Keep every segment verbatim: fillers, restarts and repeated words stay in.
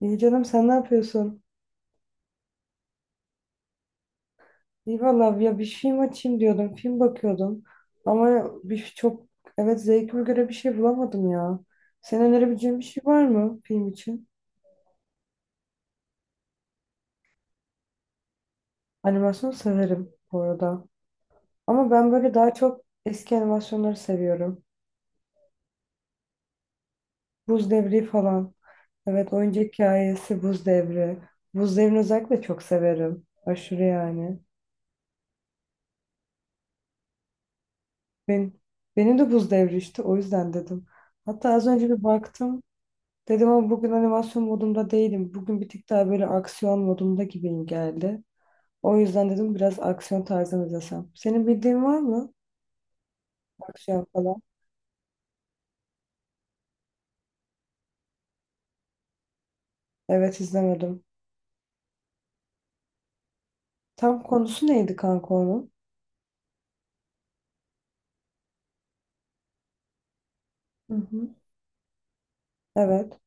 İyi canım, sen ne yapıyorsun? İyi valla ya, bir film açayım diyordum. Film bakıyordum. Ama bir çok evet, zevkime göre bir şey bulamadım ya. Senin önerebileceğin bir şey var mı film için? Animasyon severim bu arada. Ama ben böyle daha çok eski animasyonları seviyorum. Buz Devri falan. Evet, oyuncak hikayesi, Buz Devri. Buz Devri'ni özellikle çok severim. Aşırı yani. Ben, benim de Buz Devri, işte o yüzden dedim. Hatta az önce bir baktım. Dedim ama bugün animasyon modumda değilim. Bugün bir tık daha böyle aksiyon modumda gibiyim geldi. O yüzden dedim, biraz aksiyon tarzını izlesem. Senin bildiğin var mı? Aksiyon falan. Evet, izlemedim. Tam konusu neydi kanka onun? Hı hı. Evet.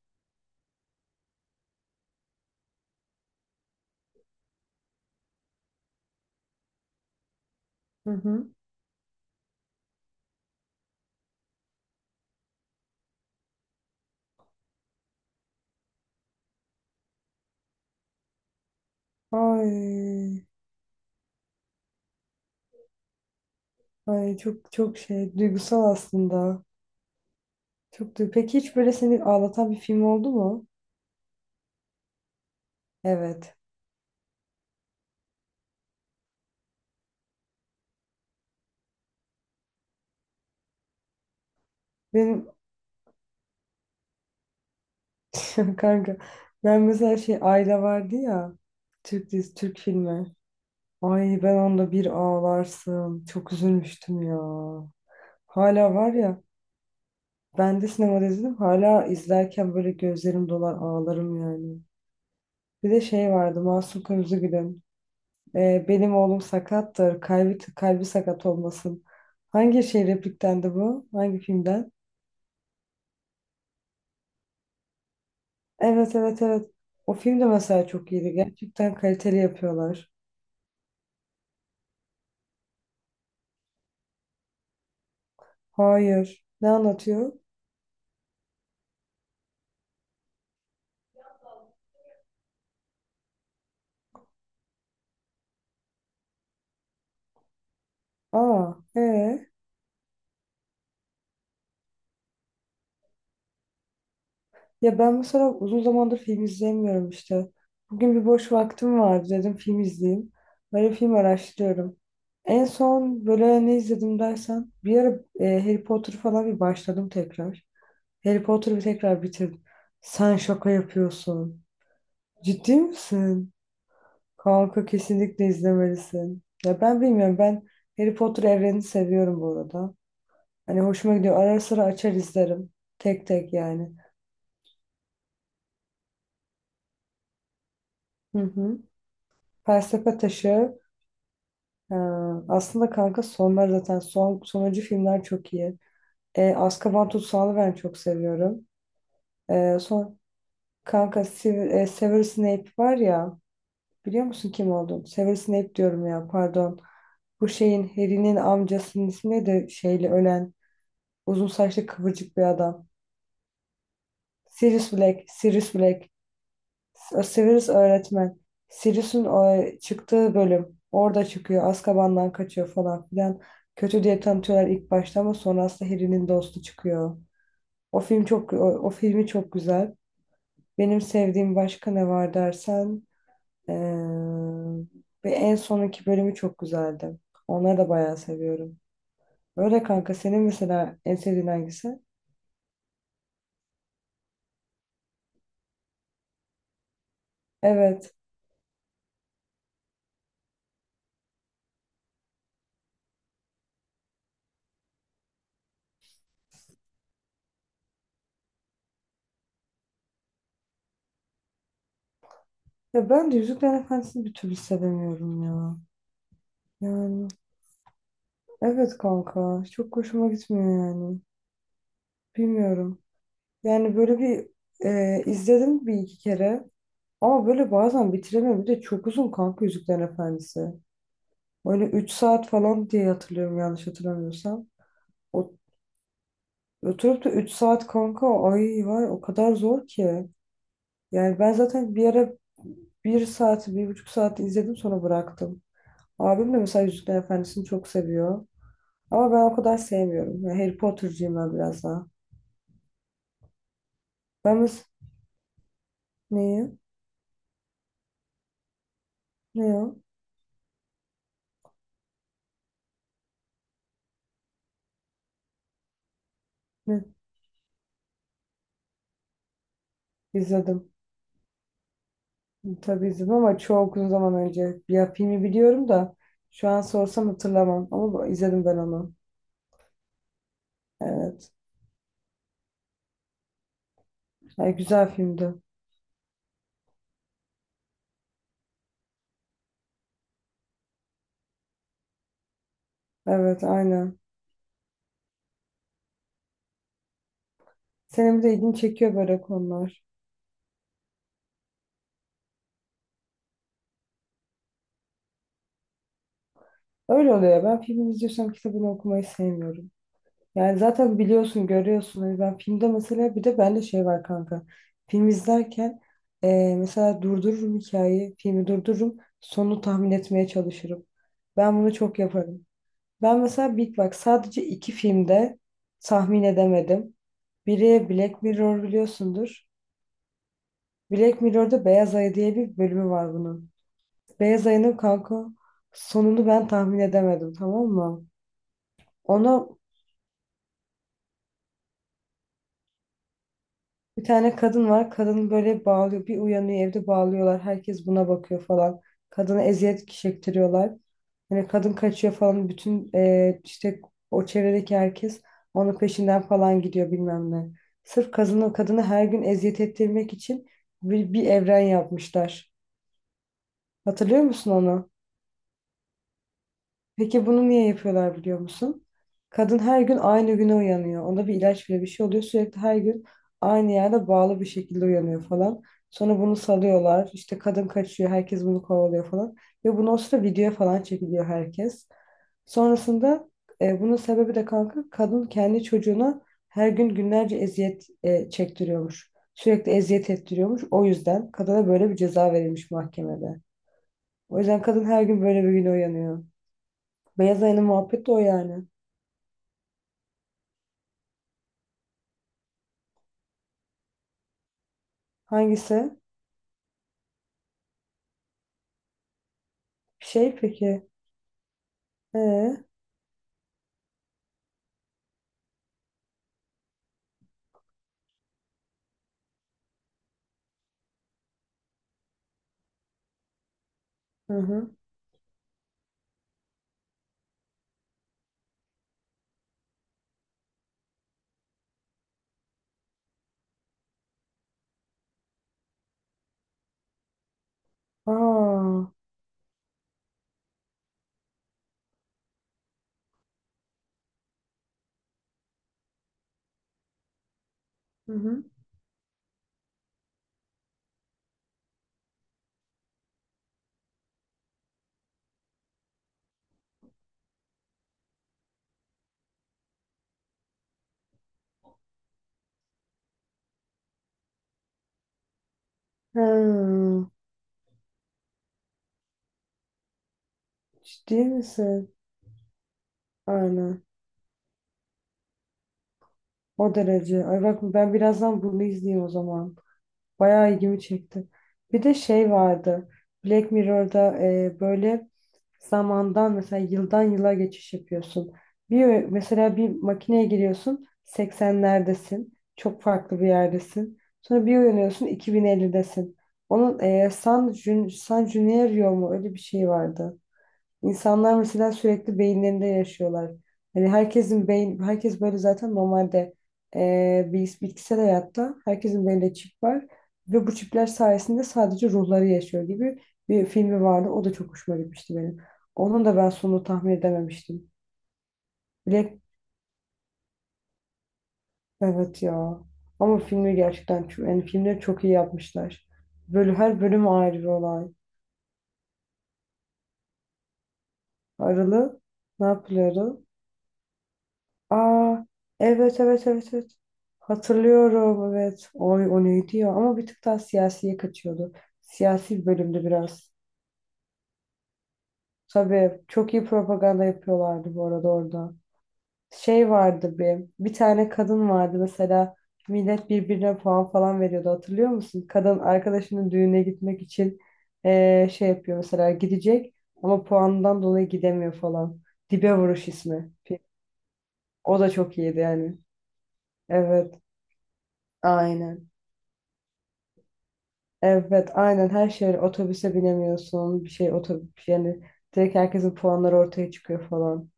Hı hı. Ay, ay çok çok şey, duygusal aslında. Çok du Peki hiç böyle seni ağlatan bir film oldu mu? Evet. Benim kanka, ben mesela şey, Ayla vardı ya, Türk dizisi, Türk filmi. Ay ben onda bir ağlarsın. Çok üzülmüştüm ya. Hala var ya. Ben de sinemada izledim. Hala izlerken böyle gözlerim dolar, ağlarım yani. Bir de şey vardı, Masum, Kırmızıgül'ün. Ee, "benim oğlum sakattır. Kalbi, kalbi sakat olmasın." Hangi şey, repliktendi bu? Hangi filmden? Evet, evet, evet. O film de mesela çok iyiydi. Gerçekten kaliteli yapıyorlar. Hayır. Ne anlatıyor? Aa, ee? Ya ben mesela uzun zamandır film izleyemiyorum işte. Bugün bir boş vaktim vardı, dedim film izleyeyim. Böyle film araştırıyorum. En son böyle ne izledim dersen, bir ara e, Harry Potter falan bir başladım tekrar. Harry Potter'ı bir tekrar bitirdim. Sen şaka yapıyorsun. Ciddi misin? Kanka kesinlikle izlemelisin. Ya ben bilmiyorum, ben Harry Potter evrenini seviyorum bu arada. Hani hoşuma gidiyor. Ara sıra açar izlerim. Tek tek yani. Hı hı. Felsefe Taşı. Ha, aslında kanka sonlar zaten son, sonuncu filmler çok iyi. E, Azkaban Tutsağı'nı ben çok seviyorum. E, son kanka Siv- e, Severus Snape var ya, biliyor musun kim olduğunu? Severus Snape diyorum ya, pardon. Bu şeyin, Harry'nin amcasının ismi de, şeyle ölen uzun saçlı kıvırcık bir adam. Sirius Black, Sirius Black. Sirius öğretmen. Sirius'un o çıktığı bölüm. Orada çıkıyor. Azkaban'dan kaçıyor falan filan. Kötü diye tanıtıyorlar ilk başta, ama sonra aslında Harry'nin dostu çıkıyor. O film çok o, o filmi çok güzel. Benim sevdiğim başka ne var dersen, eee, ve en sonunki bölümü çok güzeldi. Onları da bayağı seviyorum. Öyle kanka, senin mesela en sevdiğin hangisi? Evet. Ya ben de Yüzüklerin Efendisi'ni bir türlü sevemiyorum ya. Yani, evet kanka. Çok hoşuma gitmiyor yani. Bilmiyorum. Yani böyle bir e, izledim bir iki kere. Ama böyle bazen bitiremiyorum. Bir de çok uzun kanka Yüzüklerin Efendisi. Böyle üç saat falan diye hatırlıyorum, yanlış hatırlamıyorsam. O, oturup da üç saat kanka, ay vay, o kadar zor ki. Yani ben zaten bir ara bir saat, buçuk saat izledim, sonra bıraktım. Abim de mesela Yüzüklerin Efendisi'ni çok seviyor. Ama ben o kadar sevmiyorum. Yani Harry Potter'cıyım ben biraz daha. Ben mesela... Neyi? Ne ya? Ne? İzledim. Tabii izledim, ama çok uzun zaman önce. Ya filmi biliyorum da şu an sorsam hatırlamam. Ama izledim ben onu. Evet. Ay, güzel filmdi. Evet, aynen. Senin de ilgini çekiyor böyle konular. Öyle oluyor ya. Ben filmi izliyorsam kitabını okumayı sevmiyorum. Yani zaten biliyorsun, görüyorsun. Hani ben filmde mesela, bir de bende şey var kanka. Film izlerken eee, mesela durdururum hikayeyi. Filmi durdururum. Sonunu tahmin etmeye çalışırım. Ben bunu çok yaparım. Ben mesela Big Bang, sadece iki filmde tahmin edemedim. Biri Black Mirror, biliyorsundur. Black Mirror'da Beyaz Ayı diye bir bölümü var bunun. Beyaz Ayı'nın kanka sonunu ben tahmin edemedim, tamam mı? Ona. Bir tane kadın var. Kadın böyle bağlıyor. Bir uyanıyor, evde bağlıyorlar. Herkes buna bakıyor falan. Kadına eziyet çektiriyorlar. Hani kadın kaçıyor falan. Bütün eee, işte o çevredeki herkes onun peşinden falan gidiyor, bilmem ne. Sırf kadını, kadını her gün eziyet ettirmek için bir, bir evren yapmışlar. Hatırlıyor musun onu? Peki bunu niye yapıyorlar, biliyor musun? Kadın her gün aynı güne uyanıyor. Ona bir ilaç bile bir şey oluyor. Sürekli her gün aynı yerde bağlı bir şekilde uyanıyor falan. Sonra bunu salıyorlar. İşte kadın kaçıyor. Herkes bunu kovalıyor falan. Ve bunu o sırada videoya falan çekiliyor herkes. Sonrasında e, bunun sebebi de kanka, kadın kendi çocuğuna her gün günlerce eziyet e, çektiriyormuş. Sürekli eziyet ettiriyormuş. O yüzden kadına böyle bir ceza verilmiş mahkemede. O yüzden kadın her gün böyle bir güne uyanıyor. Beyaz ayının muhabbeti de o yani. Hangisi? Şey, peki. Ee, hı hı. Aa, hı hı. Ha, ciddi misin? Aynen. O derece. Ay bak, ben birazdan bunu izleyeyim o zaman. Bayağı ilgimi çekti. Bir de şey vardı. Black Mirror'da e, böyle zamandan, mesela yıldan yıla geçiş yapıyorsun. Bir mesela bir makineye giriyorsun, seksenlerdesin. Çok farklı bir yerdesin. Sonra bir uyanıyorsun iki bin ellidesin. Onun eee, San, Jun, San Junio mu, öyle bir şey vardı. İnsanlar mesela sürekli beyinlerinde yaşıyorlar. Hani herkesin beyin, herkes böyle zaten normalde eee bilgis- bitkisel hayatta herkesin beyninde çip var ve bu çipler sayesinde sadece ruhları yaşıyor gibi bir filmi vardı. O da çok hoşuma gitmişti benim. Onun da ben sonunu tahmin edememiştim. Black evet ya. Ama filmi gerçekten çok, yani filmleri çok iyi yapmışlar. Böyle her bölüm ayrı bir olay. Aralı ne yapıyordu? Aa, evet, evet, evet, evet. Hatırlıyorum, evet. Oy, o neydi ya? Ama bir tık daha siyasiye kaçıyordu. Siyasi bir bölümdü biraz. Tabii çok iyi propaganda yapıyorlardı bu arada orada. Şey vardı bir. Bir tane kadın vardı mesela. Millet birbirine puan falan veriyordu, hatırlıyor musun? Kadın arkadaşının düğüne gitmek için eee, şey yapıyor mesela, gidecek ama puandan dolayı gidemiyor falan. Dibe Vuruş ismi. O da çok iyiydi yani. Evet. Aynen. Evet, aynen, her şey öyle. Otobüse binemiyorsun, bir şey otobüs yani direkt herkesin puanları ortaya çıkıyor falan.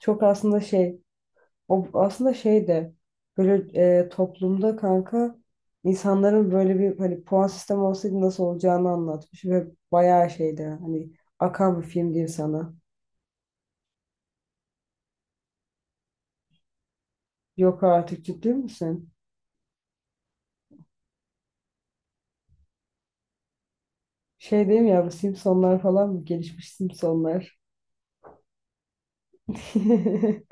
Çok aslında şey, o aslında şey de böyle e, toplumda kanka, insanların böyle bir, hani puan sistemi olsaydı nasıl olacağını anlatmış ve bayağı şeydi, hani akan bir film diyeyim sana. Yok artık, ciddi misin? Şey diyeyim ya, bu Simpsonlar falan mı? Gelişmiş Simpsonlar.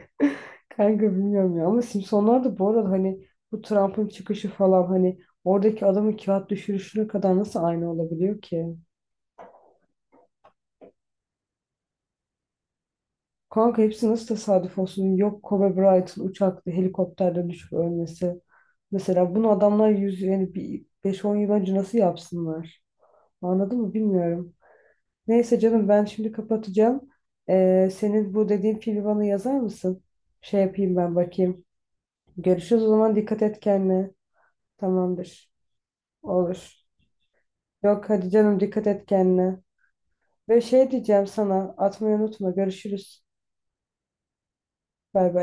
Kanka bilmiyorum ya, ama Simpsonlar da bu arada, hani bu Trump'ın çıkışı falan, hani oradaki adamın kağıt düşürüşüne kadar nasıl aynı olabiliyor ki? Kanka hepsi nasıl tesadüf olsun? Yok, Kobe Bryant'ın uçakta, helikopterden düşüp ölmesi. Mesela bunu adamlar yüz yani bir beş on yıl önce nasıl yapsınlar? Anladın mı, bilmiyorum. Neyse canım, ben şimdi kapatacağım. Ee, senin bu dediğin filmi bana yazar mısın? Şey yapayım, ben bakayım. Görüşürüz o zaman, dikkat et kendine. Tamamdır. Olur. Yok hadi canım, dikkat et kendine. Ve şey, diyeceğim sana, atmayı unutma. Görüşürüz. Bay bay.